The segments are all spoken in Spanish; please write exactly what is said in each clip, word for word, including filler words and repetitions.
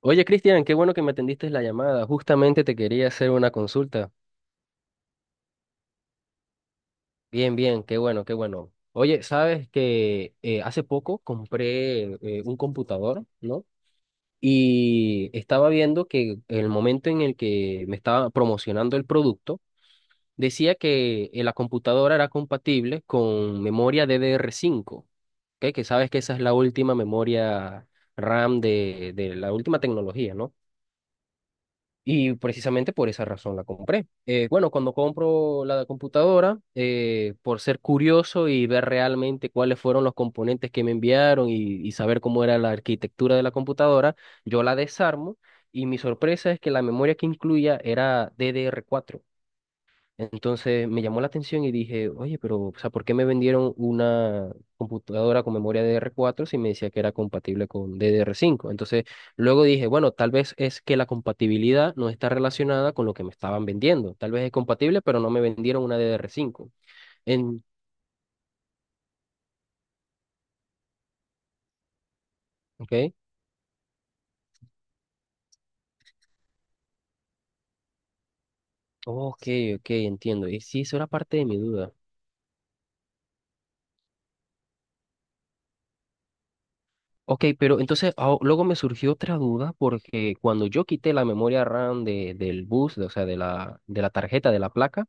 Oye, Cristian, qué bueno que me atendiste la llamada. Justamente te quería hacer una consulta. Bien, bien, qué bueno, qué bueno. Oye, sabes que eh, hace poco compré eh, un computador, ¿no? Y estaba viendo que el momento en el que me estaba promocionando el producto, decía que eh, la computadora era compatible con memoria D D R cinco, ¿ok? Que sabes que esa es la última memoria RAM de, de la última tecnología, ¿no? Y precisamente por esa razón la compré. Eh, bueno, cuando compro la computadora, eh, por ser curioso y ver realmente cuáles fueron los componentes que me enviaron y, y saber cómo era la arquitectura de la computadora, yo la desarmo y mi sorpresa es que la memoria que incluía era D D R cuatro. Entonces me llamó la atención y dije, oye, pero, o sea, ¿por qué me vendieron una computadora con memoria D D R cuatro si me decía que era compatible con D D R cinco? Entonces luego dije, bueno, tal vez es que la compatibilidad no está relacionada con lo que me estaban vendiendo. Tal vez es compatible, pero no me vendieron una D D R cinco. En, ok, ok, ok, entiendo. Y sí, eso era parte de mi duda. Ok, pero entonces ah, luego me surgió otra duda porque cuando yo quité la memoria RAM de, del bus, de- o sea, de la, de la tarjeta, de la placa,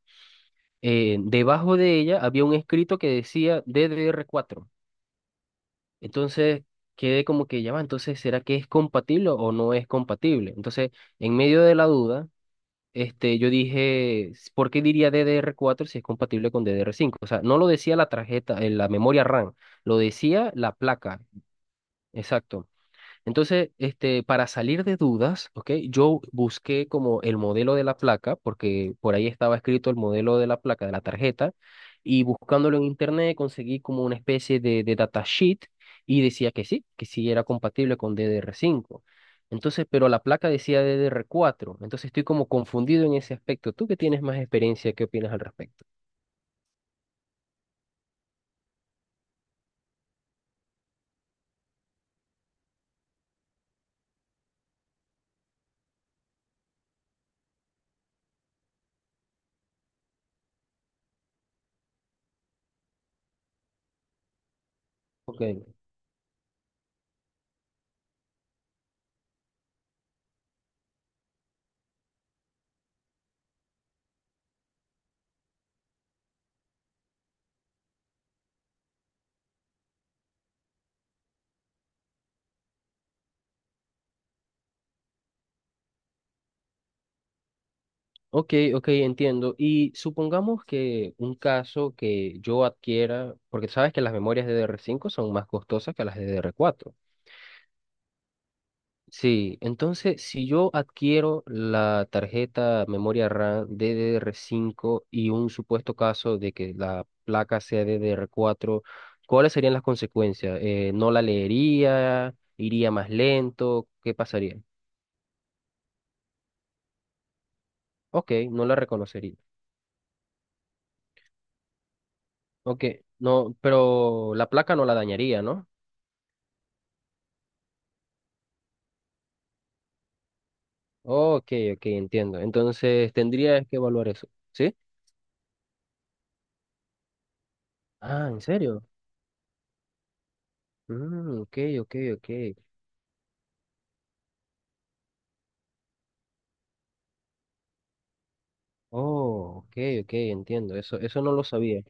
eh, debajo de ella había un escrito que decía D D R cuatro. Entonces quedé como que ya va, entonces ¿será que es compatible o no es compatible? Entonces, en medio de la duda, este, yo dije, ¿por qué diría D D R cuatro si es compatible con D D R cinco? O sea, no lo decía la tarjeta, eh, la memoria RAM, lo decía la placa. Exacto. Entonces, este, para salir de dudas, ¿ok? Yo busqué como el modelo de la placa, porque por ahí estaba escrito el modelo de la placa, de la tarjeta, y buscándolo en internet conseguí como una especie de, de datasheet y decía que sí, que sí era compatible con D D R cinco. Entonces, pero la placa decía D D R cuatro. Entonces estoy como confundido en ese aspecto. Tú que tienes más experiencia, ¿qué opinas al respecto? Ok. Ok, ok, entiendo. Y supongamos que un caso que yo adquiera, porque sabes que las memorias D D R cinco son más costosas que las D D R cuatro. Sí, entonces si yo adquiero la tarjeta memoria RAM D D R cinco y un supuesto caso de que la placa sea D D R cuatro, ¿cuáles serían las consecuencias? Eh, ¿no la leería? ¿Iría más lento? ¿Qué pasaría? Ok, no la reconocería. Ok, no, pero la placa no la dañaría, ¿no? Ok, ok, entiendo. Entonces tendrías que evaluar eso, ¿sí? Ah, ¿en serio? Mm, ok, ok, ok. Oh, ok, ok, entiendo. Eso, eso no lo sabía.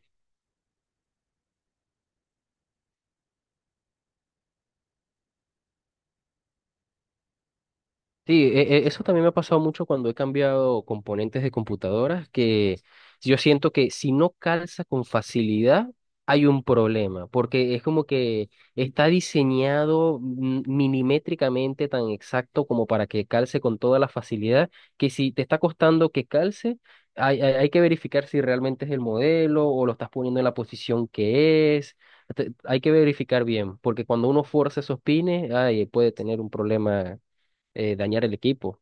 Sí, e- e- eso también me ha pasado mucho cuando he cambiado componentes de computadoras, que yo siento que si no calza con facilidad, hay un problema, porque es como que está diseñado mm, milimétricamente tan exacto como para que calce con toda la facilidad, que si te está costando que calce, hay, hay, hay que verificar si realmente es el modelo o lo estás poniendo en la posición que es. te- Hay que verificar bien, porque cuando uno fuerza esos pines, ay, puede tener un problema, eh, dañar el equipo.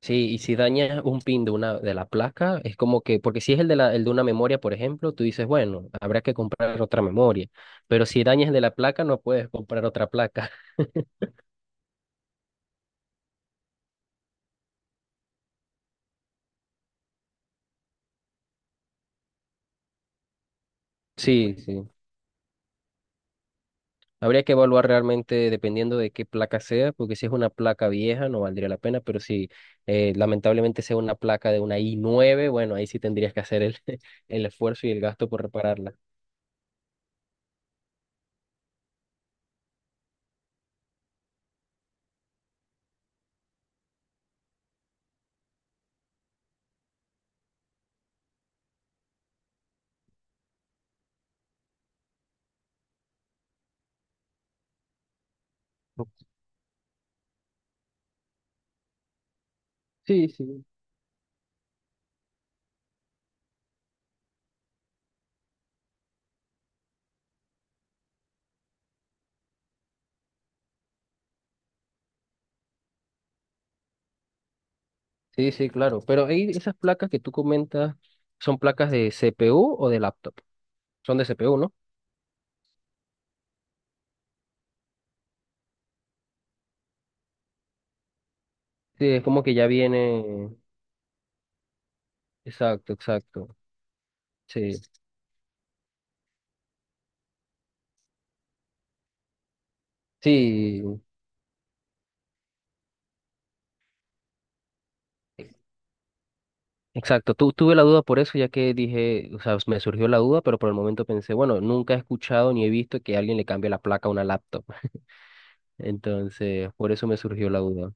Sí, y si dañas un pin de una de la placa, es como que, porque si es el de la, el de una memoria, por ejemplo, tú dices, bueno, habrá que comprar otra memoria, pero si dañas el de la placa, no puedes comprar otra placa. Sí, sí. Habría que evaluar realmente dependiendo de qué placa sea, porque si es una placa vieja no valdría la pena, pero si eh, lamentablemente sea una placa de una i nueve, bueno, ahí sí tendrías que hacer el, el esfuerzo y el gasto por repararla. Sí, sí. Sí, sí, claro. Pero ahí esas placas que tú comentas, ¿son placas de C P U o de laptop? Son de C P U, ¿no? Sí, es como que ya viene. Exacto, exacto. Sí, sí, exacto. Tu- tuve la duda por eso, ya que dije, o sea, me surgió la duda, pero por el momento pensé, bueno, nunca he escuchado ni he visto que alguien le cambie la placa a una laptop. Entonces, por eso me surgió la duda.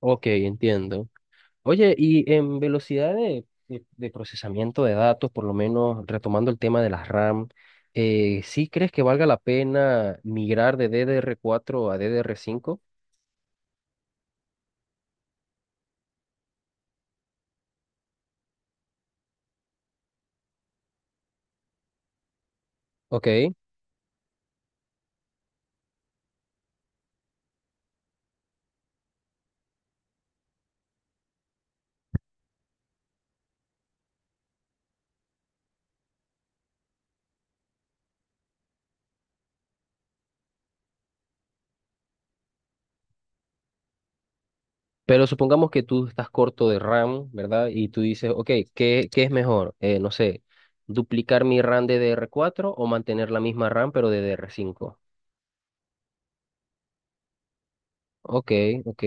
Ok, entiendo. Oye, y en velocidad de, de- de procesamiento de datos, por lo menos retomando el tema de las RAM, eh, ¿sí crees que valga la pena migrar de D D R cuatro a D D R cinco? Ok, pero supongamos que tú estás corto de RAM, ¿verdad? Y tú dices, ok, ¿qué, qué es mejor? Eh, no sé, duplicar mi RAM D D R cuatro o mantener la misma RAM pero D D R cinco. Ok, ok,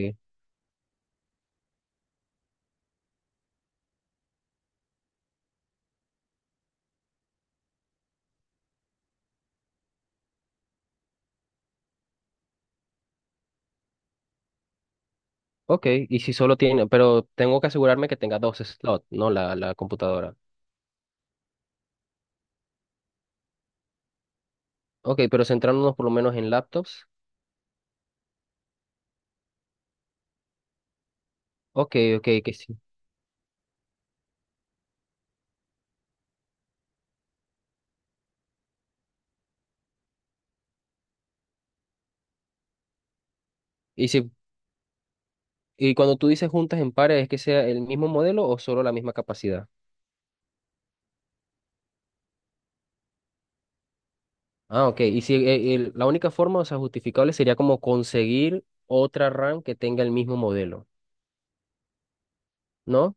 ok. Y si solo tiene, pero tengo que asegurarme que tenga dos slots, ¿no? La, la computadora. Ok, pero centrándonos por lo menos en laptops. Ok, ok, que sí. Y si, y cuando tú dices juntas en pares, ¿es que sea el mismo modelo o solo la misma capacidad? Ah, ok. Y si eh, el- la única forma, o sea, justificable sería como conseguir otra RAM que tenga el mismo modelo, ¿no?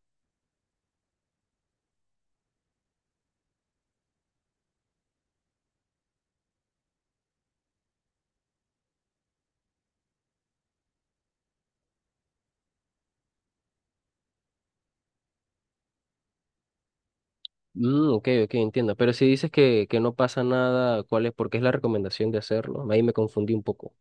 Mm, ok, ok, entiendo. Pero si dices que, que no pasa nada, ¿cuál es? Porque es la recomendación de hacerlo. Ahí me confundí un poco.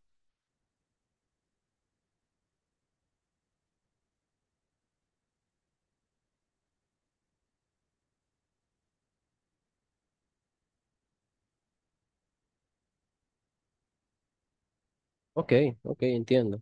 Ok, ok, entiendo.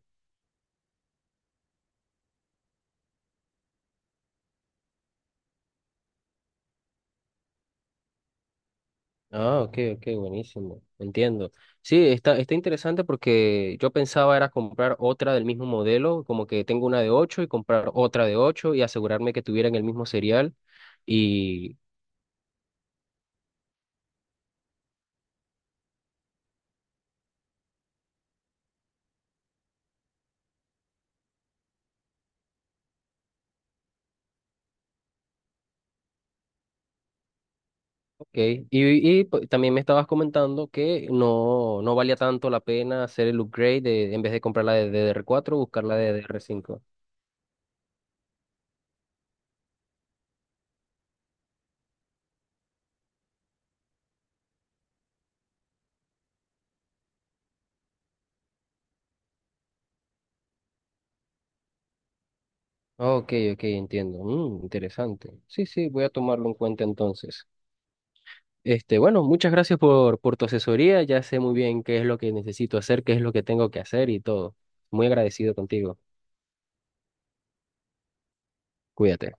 Ah, ok, ok, buenísimo, entiendo. Sí, está, está interesante porque yo pensaba era comprar otra del mismo modelo, como que tengo una de ocho y comprar otra de ocho y asegurarme que tuvieran el mismo serial y, okay. Y, y, pues, también me estabas comentando que no, no valía tanto la pena hacer el upgrade de, en vez de comprar la de D D R cuatro, buscar la de D DDR5. Ok, ok, entiendo. Mm, interesante. Sí, sí, voy a tomarlo en cuenta entonces. Este, bueno, muchas gracias por, por tu asesoría. Ya sé muy bien qué es lo que necesito hacer, qué es lo que tengo que hacer y todo. Muy agradecido contigo. Cuídate.